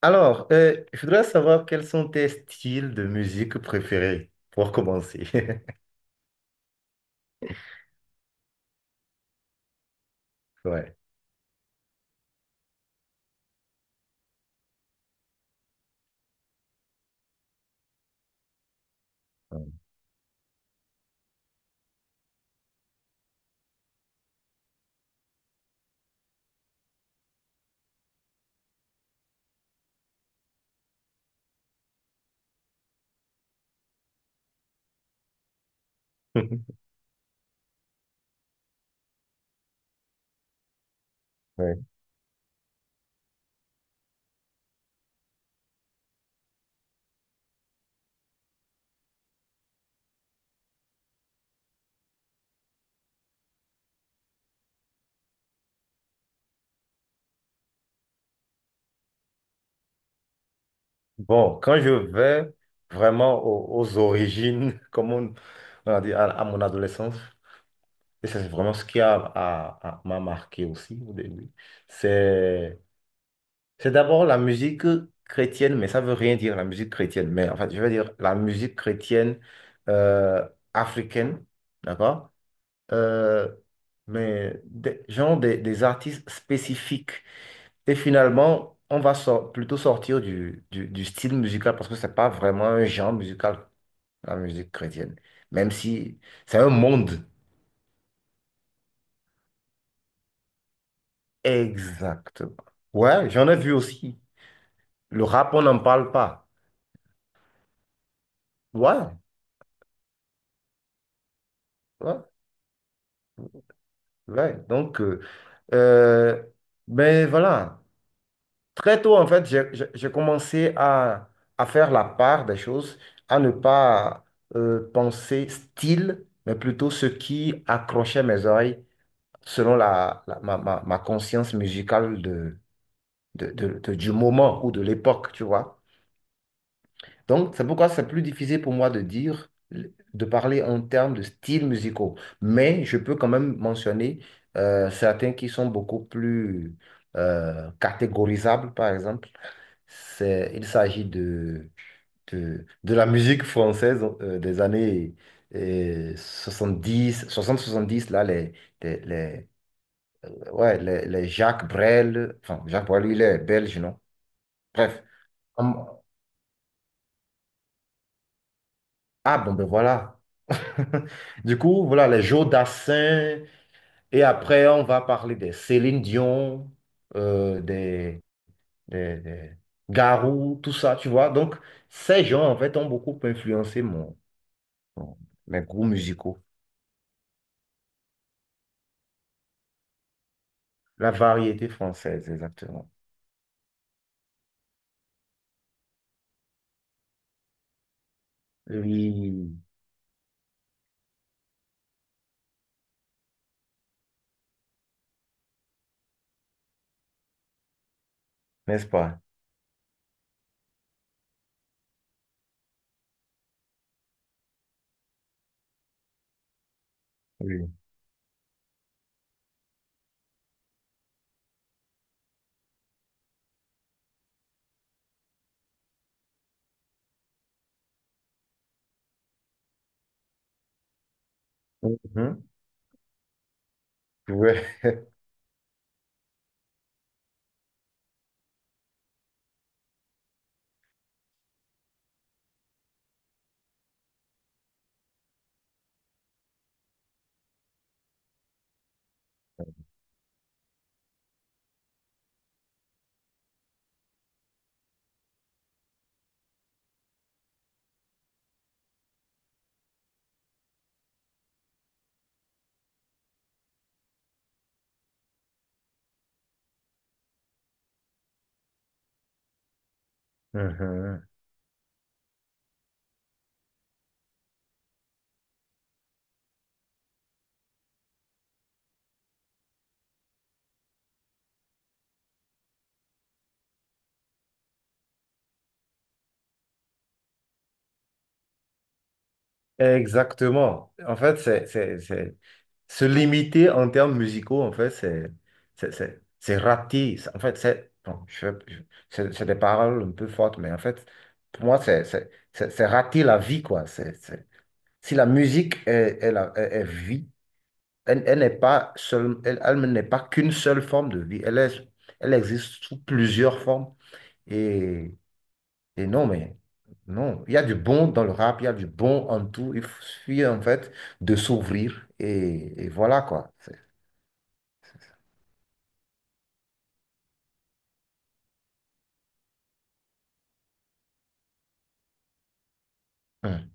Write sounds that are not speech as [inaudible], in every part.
Alors, je voudrais savoir quels sont tes styles de musique préférés pour commencer. [laughs] Ouais. Ouais. [laughs] Ouais. Bon, quand je vais vraiment aux origines, [laughs] comme on a dit, à mon adolescence, et c'est vraiment ce qui m'a marqué aussi au début, c'est, c'est d'abord la musique chrétienne, mais ça veut rien dire la musique chrétienne, mais en fait, je veux dire la musique chrétienne euh, africaine, d'accord? euh, mais des artistes spécifiques. Et finalement, plutôt sortir du style musical parce que c'est pas vraiment un genre musical, la musique chrétienne, même si c'est un monde. Exactement. Ouais, j'en ai vu aussi. Le rap, on n'en parle pas. Ouais, ouais, ouais. Donc, euh, ben voilà. Très tôt, en fait, j'ai commencé à faire la part des choses, à ne pas penser style, mais plutôt ce qui accrochait mes oreilles selon ma conscience musicale du moment ou de l'époque, tu vois. Donc, c'est pourquoi c'est plus difficile pour moi de dire, de parler en termes de styles musicaux. Mais je peux quand même mentionner certains qui sont beaucoup plus catégorisables, par exemple. C'est, il s'agit de la musique française des années 60-70 là, les, les- ouais, les Jacques Brel, enfin, Jacques Brel, lui, il est belge, non? Bref. Hum, Ah, bon, ben voilà. [laughs] Du coup, voilà, les Joe Dassin, et après, on va parler des Céline Dion, euh, des, des Garou, tout ça, tu vois. Donc, ces gens, en fait, ont beaucoup influencé mon, bon, les goûts musicaux. La variété française, exactement. Oui. N'est-ce pas? Oui. Mhm. Ouais. Mhm. Exactement. En fait, c'est... Se limiter en termes musicaux, en fait, c'est raté. C'est, en fait, c'est bon, c'est des paroles un peu fortes, mais en fait, pour moi, c'est rater la vie, quoi. Si la musique est, elle, elle n'est pas seule, elle, elle n'est pas qu'une seule forme de vie. Elle est, elle existe sous plusieurs formes. Et, et non, mais non, il y a du bon dans le rap, il y a du bon en tout. Il suffit en fait de s'ouvrir et voilà quoi. C'est... Hum.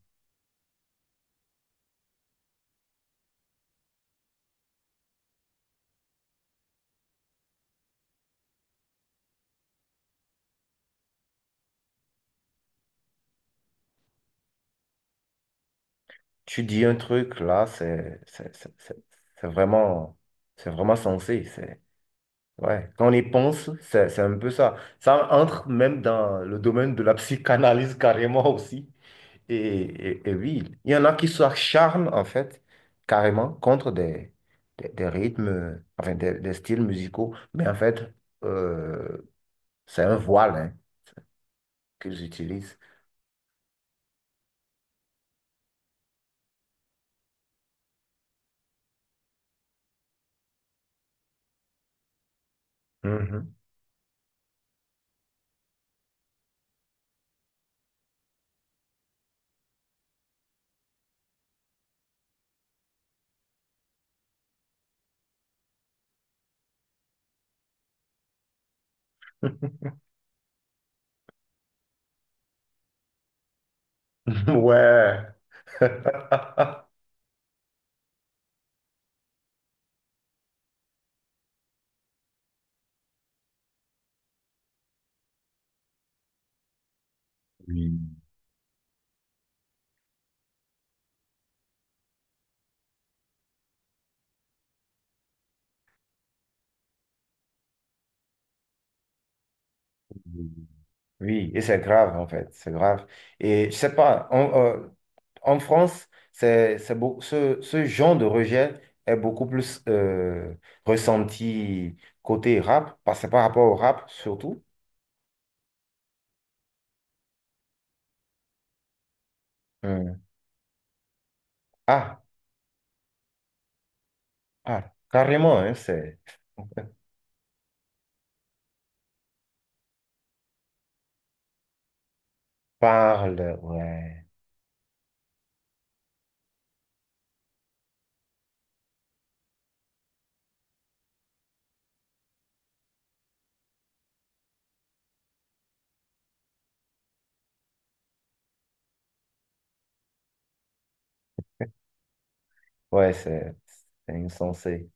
Tu dis un truc là, c'est vraiment, c'est vraiment sensé. Ouais, quand on y pense, c'est un peu ça. Ça entre même dans le domaine de la psychanalyse carrément aussi. Et oui, il y en a qui s'acharnent en fait carrément des rythmes, des styles musicaux. Mais en fait, euh, c'est un voile hein, qu'ils utilisent. Mhm. [laughs] Ouais. [laughs] Oui. Oui, et c'est grave en fait, c'est grave. Et je sais pas, en France, ce genre de rejet est beaucoup plus ressenti côté rap, parce que par rapport au rap surtout. Hum. Ah, ah, carrément, hein, c'est parle, ouais, ouais, c'est insensé.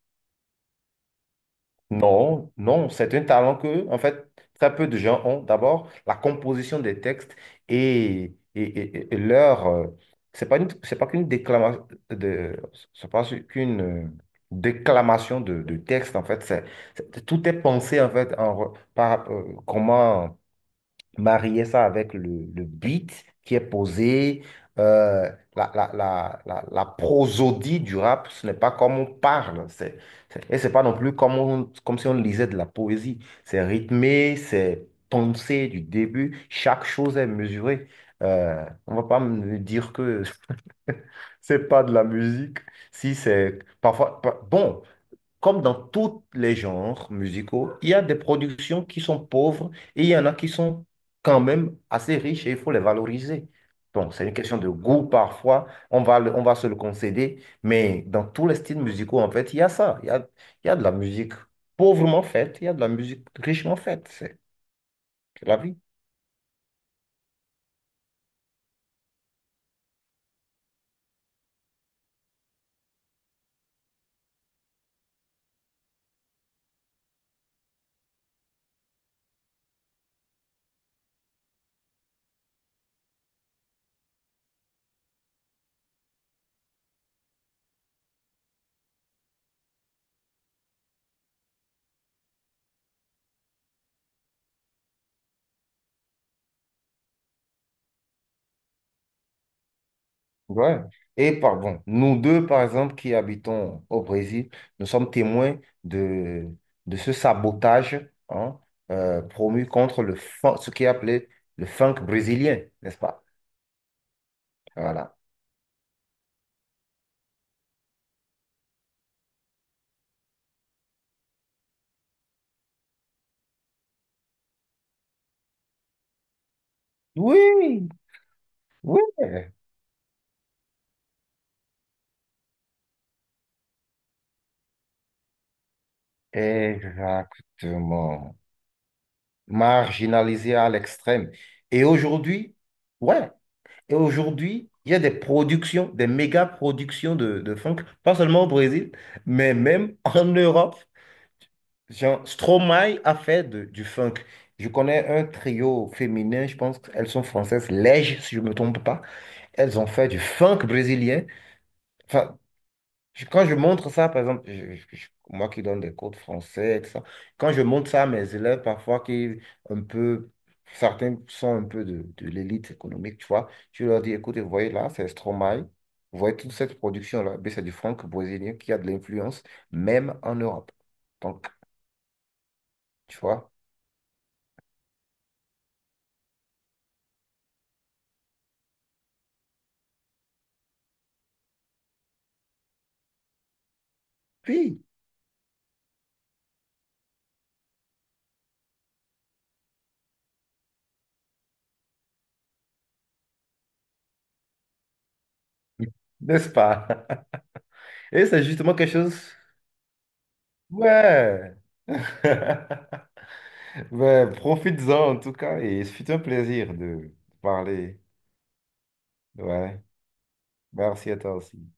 Non, non, c'est un talent que, en fait, très peu de gens ont. D'abord, la composition des textes et leur, c'est pas une- c'est pas qu'une déclamation c'est pas su- qu'une déclamation de texte, en fait. Tout est pensé, en fait, comment marier ça avec le beat qui est posé, euh, la prosodie du rap, ce n'est pas comme on parle, et c'est pas non plus comme, comme si on lisait de la poésie. C'est rythmé, c'est pensé du début, chaque chose est mesurée. On va pas me dire que [laughs] c'est pas de la musique, si c'est parfois, bon, comme dans tous les genres musicaux, il y a des productions qui sont pauvres et il y en a qui sont quand même assez riches et il faut les valoriser. Bon, c'est une question de goût parfois, on va se le concéder, mais dans tous les styles musicaux, en fait, il y a ça. Il y a de la musique pauvrement faite, il y a de la musique richement faite. C'est la vie. Ouais. Et pardon, nous deux, par exemple, qui habitons au Brésil, nous sommes témoins de ce sabotage hein, promu contre ce qui est appelé le funk brésilien, n'est-ce pas? Voilà. Oui, oui, exactement. Marginalisé à l'extrême. Et aujourd'hui, ouais, et aujourd'hui, il y a des productions, des méga productions de funk, pas seulement au Brésil, mais même en Europe. Jean, Stromae a fait du funk. Je connais un trio féminin, je pense qu'elles sont françaises, Lège, si je ne me trompe pas. Elles ont fait du funk brésilien. Enfin, quand je montre ça, par exemple, moi qui donne des cours de français, et tout ça, quand je montre ça à mes élèves, parfois, qui un peu, certains sont un peu de l'élite économique, tu vois, je leur dis, écoutez, vous voyez là, c'est Stromae. Vous voyez toute cette production-là, ben, c'est du funk brésilien qui a de l'influence, même en Europe. Donc, tu vois. Puis, n'est-ce pas? [laughs] Et c'est justement quelque chose. Ouais. [laughs] Ouais, profites-en en tout cas et ce fut un plaisir de parler. Ouais. Merci à toi aussi.